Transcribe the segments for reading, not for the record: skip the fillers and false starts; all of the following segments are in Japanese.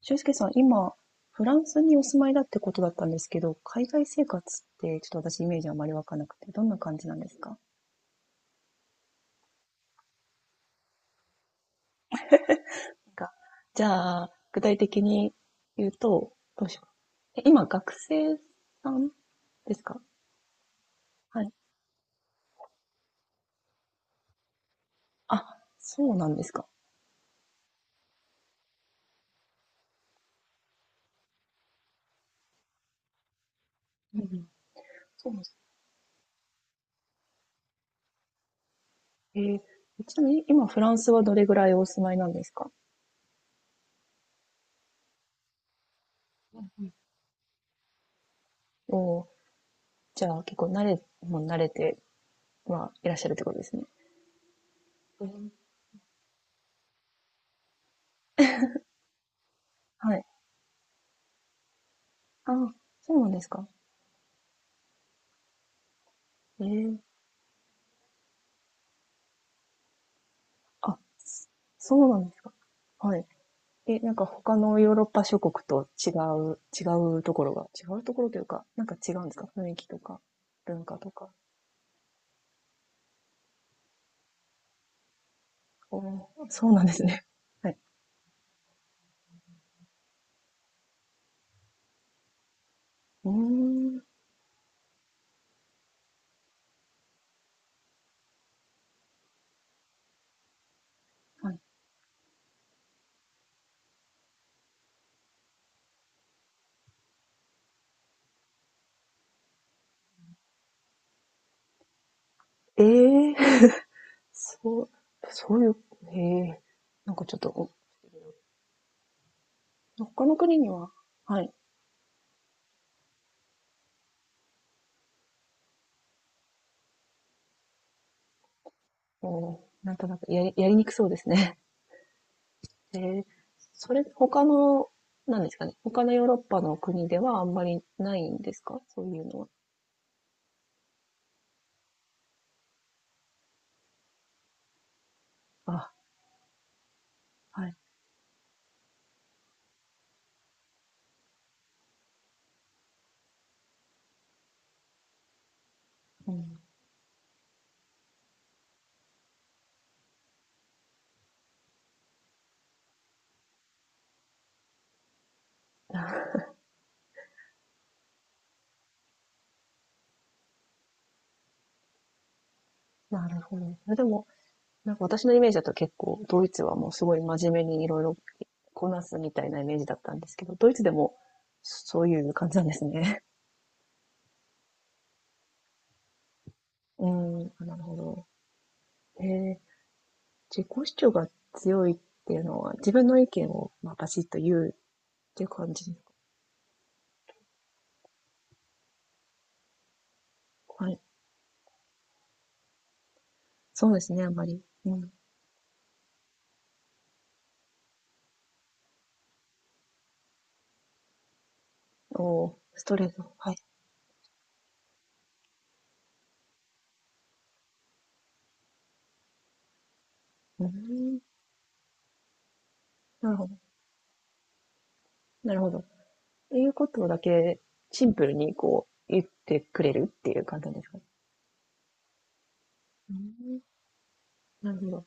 俊介さん、今、フランスにお住まいだってことだったんですけど、海外生活ってちょっと私イメージあまりわかなくて、どんな感じなんですか？なんかじゃあ、具体的に言うと、どうしよう。え、今、学生さんですか？はい。あ、そうなんですか。うんうん。そうなんです。えー、ちなみに今フランスはどれぐらいお住まいなんですか？うんうん。おー、じゃあ結構慣れ、もう慣れて、まあ、いらっしゃるってことですね。うん。はい。あ、そうなんですか。ええ。あ、そそうなんですか。はい。え、なんか他のヨーロッパ諸国と違う、違うところが、違うところというか、なんか違うんですか？雰囲気とか、文化とか。おーそうなんですね。はい。うーん。はい。えー、そう、そういう、へえ、なんかちょっと、お他の国には、はい、お、なんとなくやり、やりにくそうですね。ええ、それ、他の、なんですかね。他のヨーロッパの国ではあんまりないんですかそういうのは。あ、はい。うん。あ、なるほど。え、でも、なんか私のイメージだと結構ドイツはもうすごい真面目にいろいろこなすみたいなイメージだったんですけど、ドイツでもそういう感じなんですね。うーん、あ、なるほど。へ、自己主張が強いっていうのは自分の意見を、まあ、バシッと言うっていう感じ。はい。そうですね、あんまり。うん。おーストレート。はい。うん。なるほどなるほど。ていうことだけ、シンプルにこう、言ってくれるっていう感じなんですかね。うん、なるほど。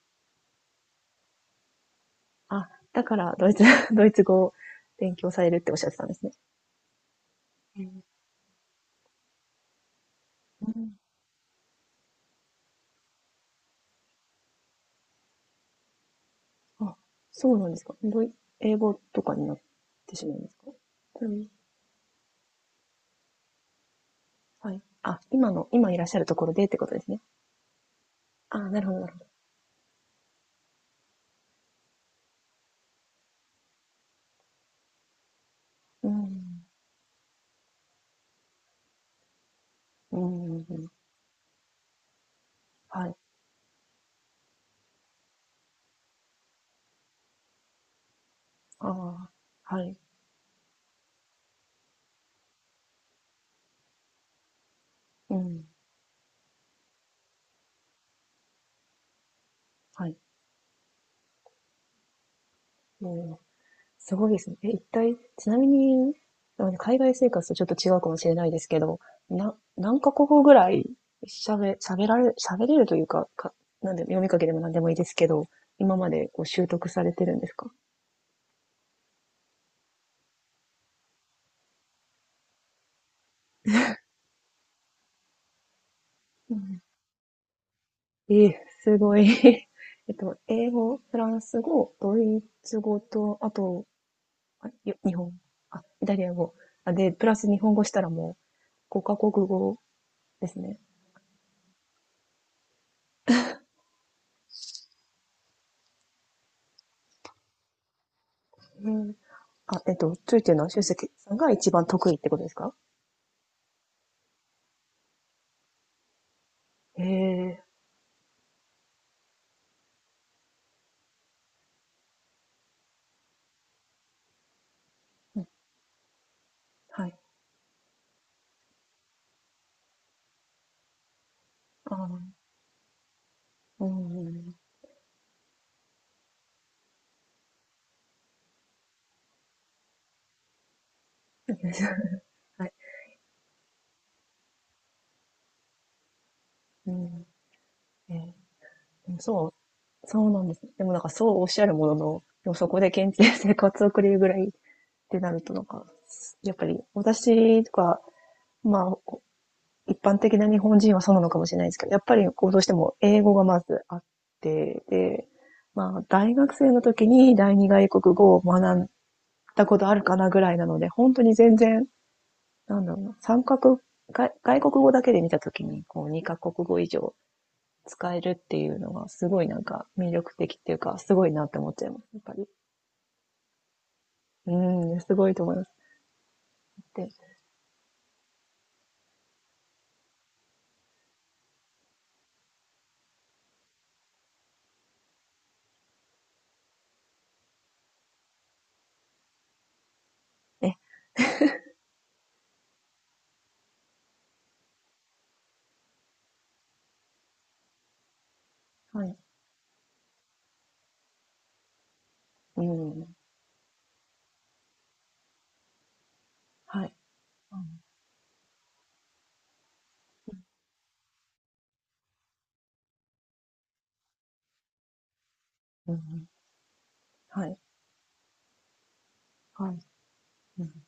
あ、だからドイツ ドイツ語を勉強されるっておっしゃってたんですね。うん。うん。あ、そうなんですか。ドイ英語とかになってしまうんですか？うん。はい。あ、今の今いらっしゃるところでってことですね。あ、なるほどなるほど。うん。うんうんうん。はい。ああ、はい。うん、はい。すごいですね。え、一体、ちなみに、あの、海外生活とちょっと違うかもしれないですけど、な、何カ国語ぐらい喋、喋られ、喋れるというか、か、なんで、読み書きでも何でもいいですけど、今までこう習得されてるんですか？うん。ええ、すごい。えっと、英語、フランス語、ドイツ語と、あと、あ、よ日本、あ、イタリア語。あ、で、プラス日本語したらもう5カ国語ですね。うん。あ、えっと、ついてるのは修介さんが一番得意ってことですか？へえ、うん、はい。ああ、うんうん。 はい。うん。えー、でもそうそうなんですね。でもなんかそうおっしゃるものの、でもそこで現地で生活を送れるぐらいってなるとなんか、やっぱり私とか、まあ、一般的な日本人はそうなのかもしれないですけど、やっぱりこうどうしても英語がまずあって、で、まあ、大学生の時に第二外国語を学んだことあるかなぐらいなので、本当に全然なんだろうな、三角、外外国語だけで見たときに、こう、二カ国語以上使えるっていうのが、すごいなんか魅力的っていうか、すごいなって思っちゃいます、やっぱり。うん、すごいと思います。で、え、はい、うん、はい、うん、はい、はい、うん、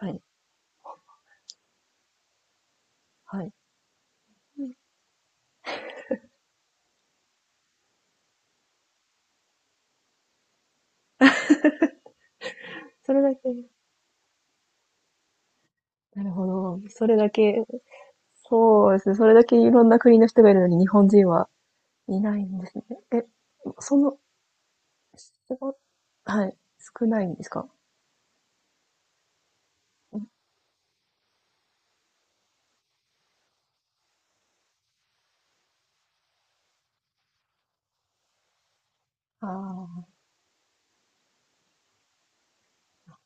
はい、はい。それだけ、なるほど。それだけ、そうですね。それだけいろんな国の人がいるのに日本人はいないんですね。え、その、すご、はい、少ないんですか？ああー、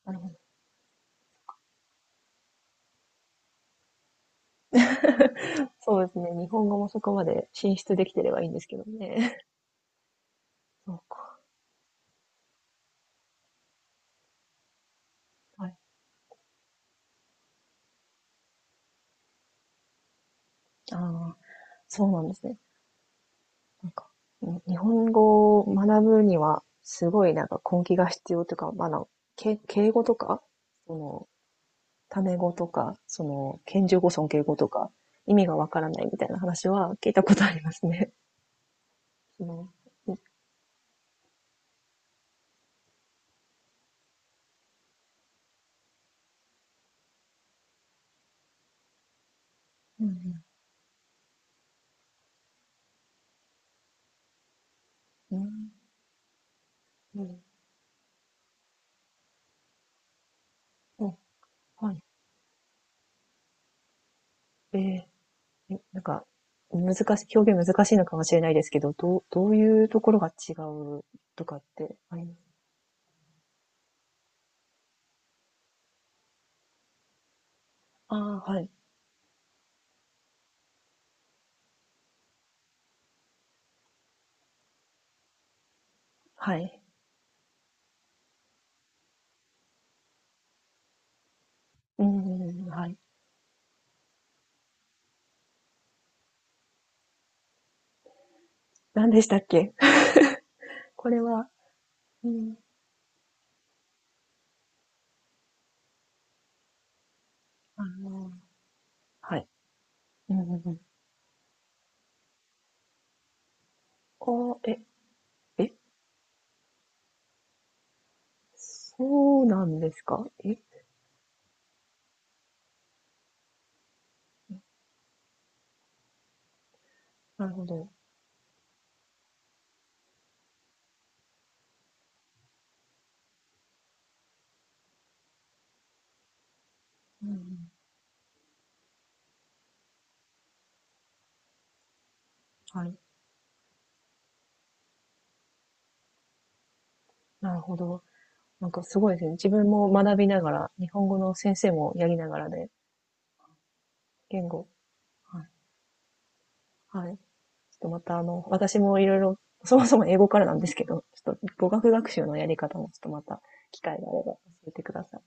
なるほど。そうですね。日本語もそこまで進出できてればいいんですけどね。そうか。はい。ああ、そうなんですね。なんか、うん、日本語を学ぶには、すごいなんか根気が必要というか、まあ、あの、け敬語とか、その、タメ語とか、その、謙譲語、尊敬語とか、意味がわからないみたいな話は聞いたことありますね。その、うんうんうん。うん、うん、はい。えー、え、なんか、難しい、表現難しいのかもしれないですけど、どう、どういうところが違うとかってあります？ああ、はい。はい。うん、うん、はい。何でしたっけ？ これは、うん、あの、はい。うん、うん、うん。ああ、え、え、そうなんですか？え、なるほど。うん、うん、はい。なるほど。なんかすごいですね。自分も学びながら、日本語の先生もやりながらで、言語。はい。ちょっとまたあの、私もいろいろ、そもそも英語からなんですけど、ちょっと語学学習のやり方もちょっとまた機会があれば教えてください。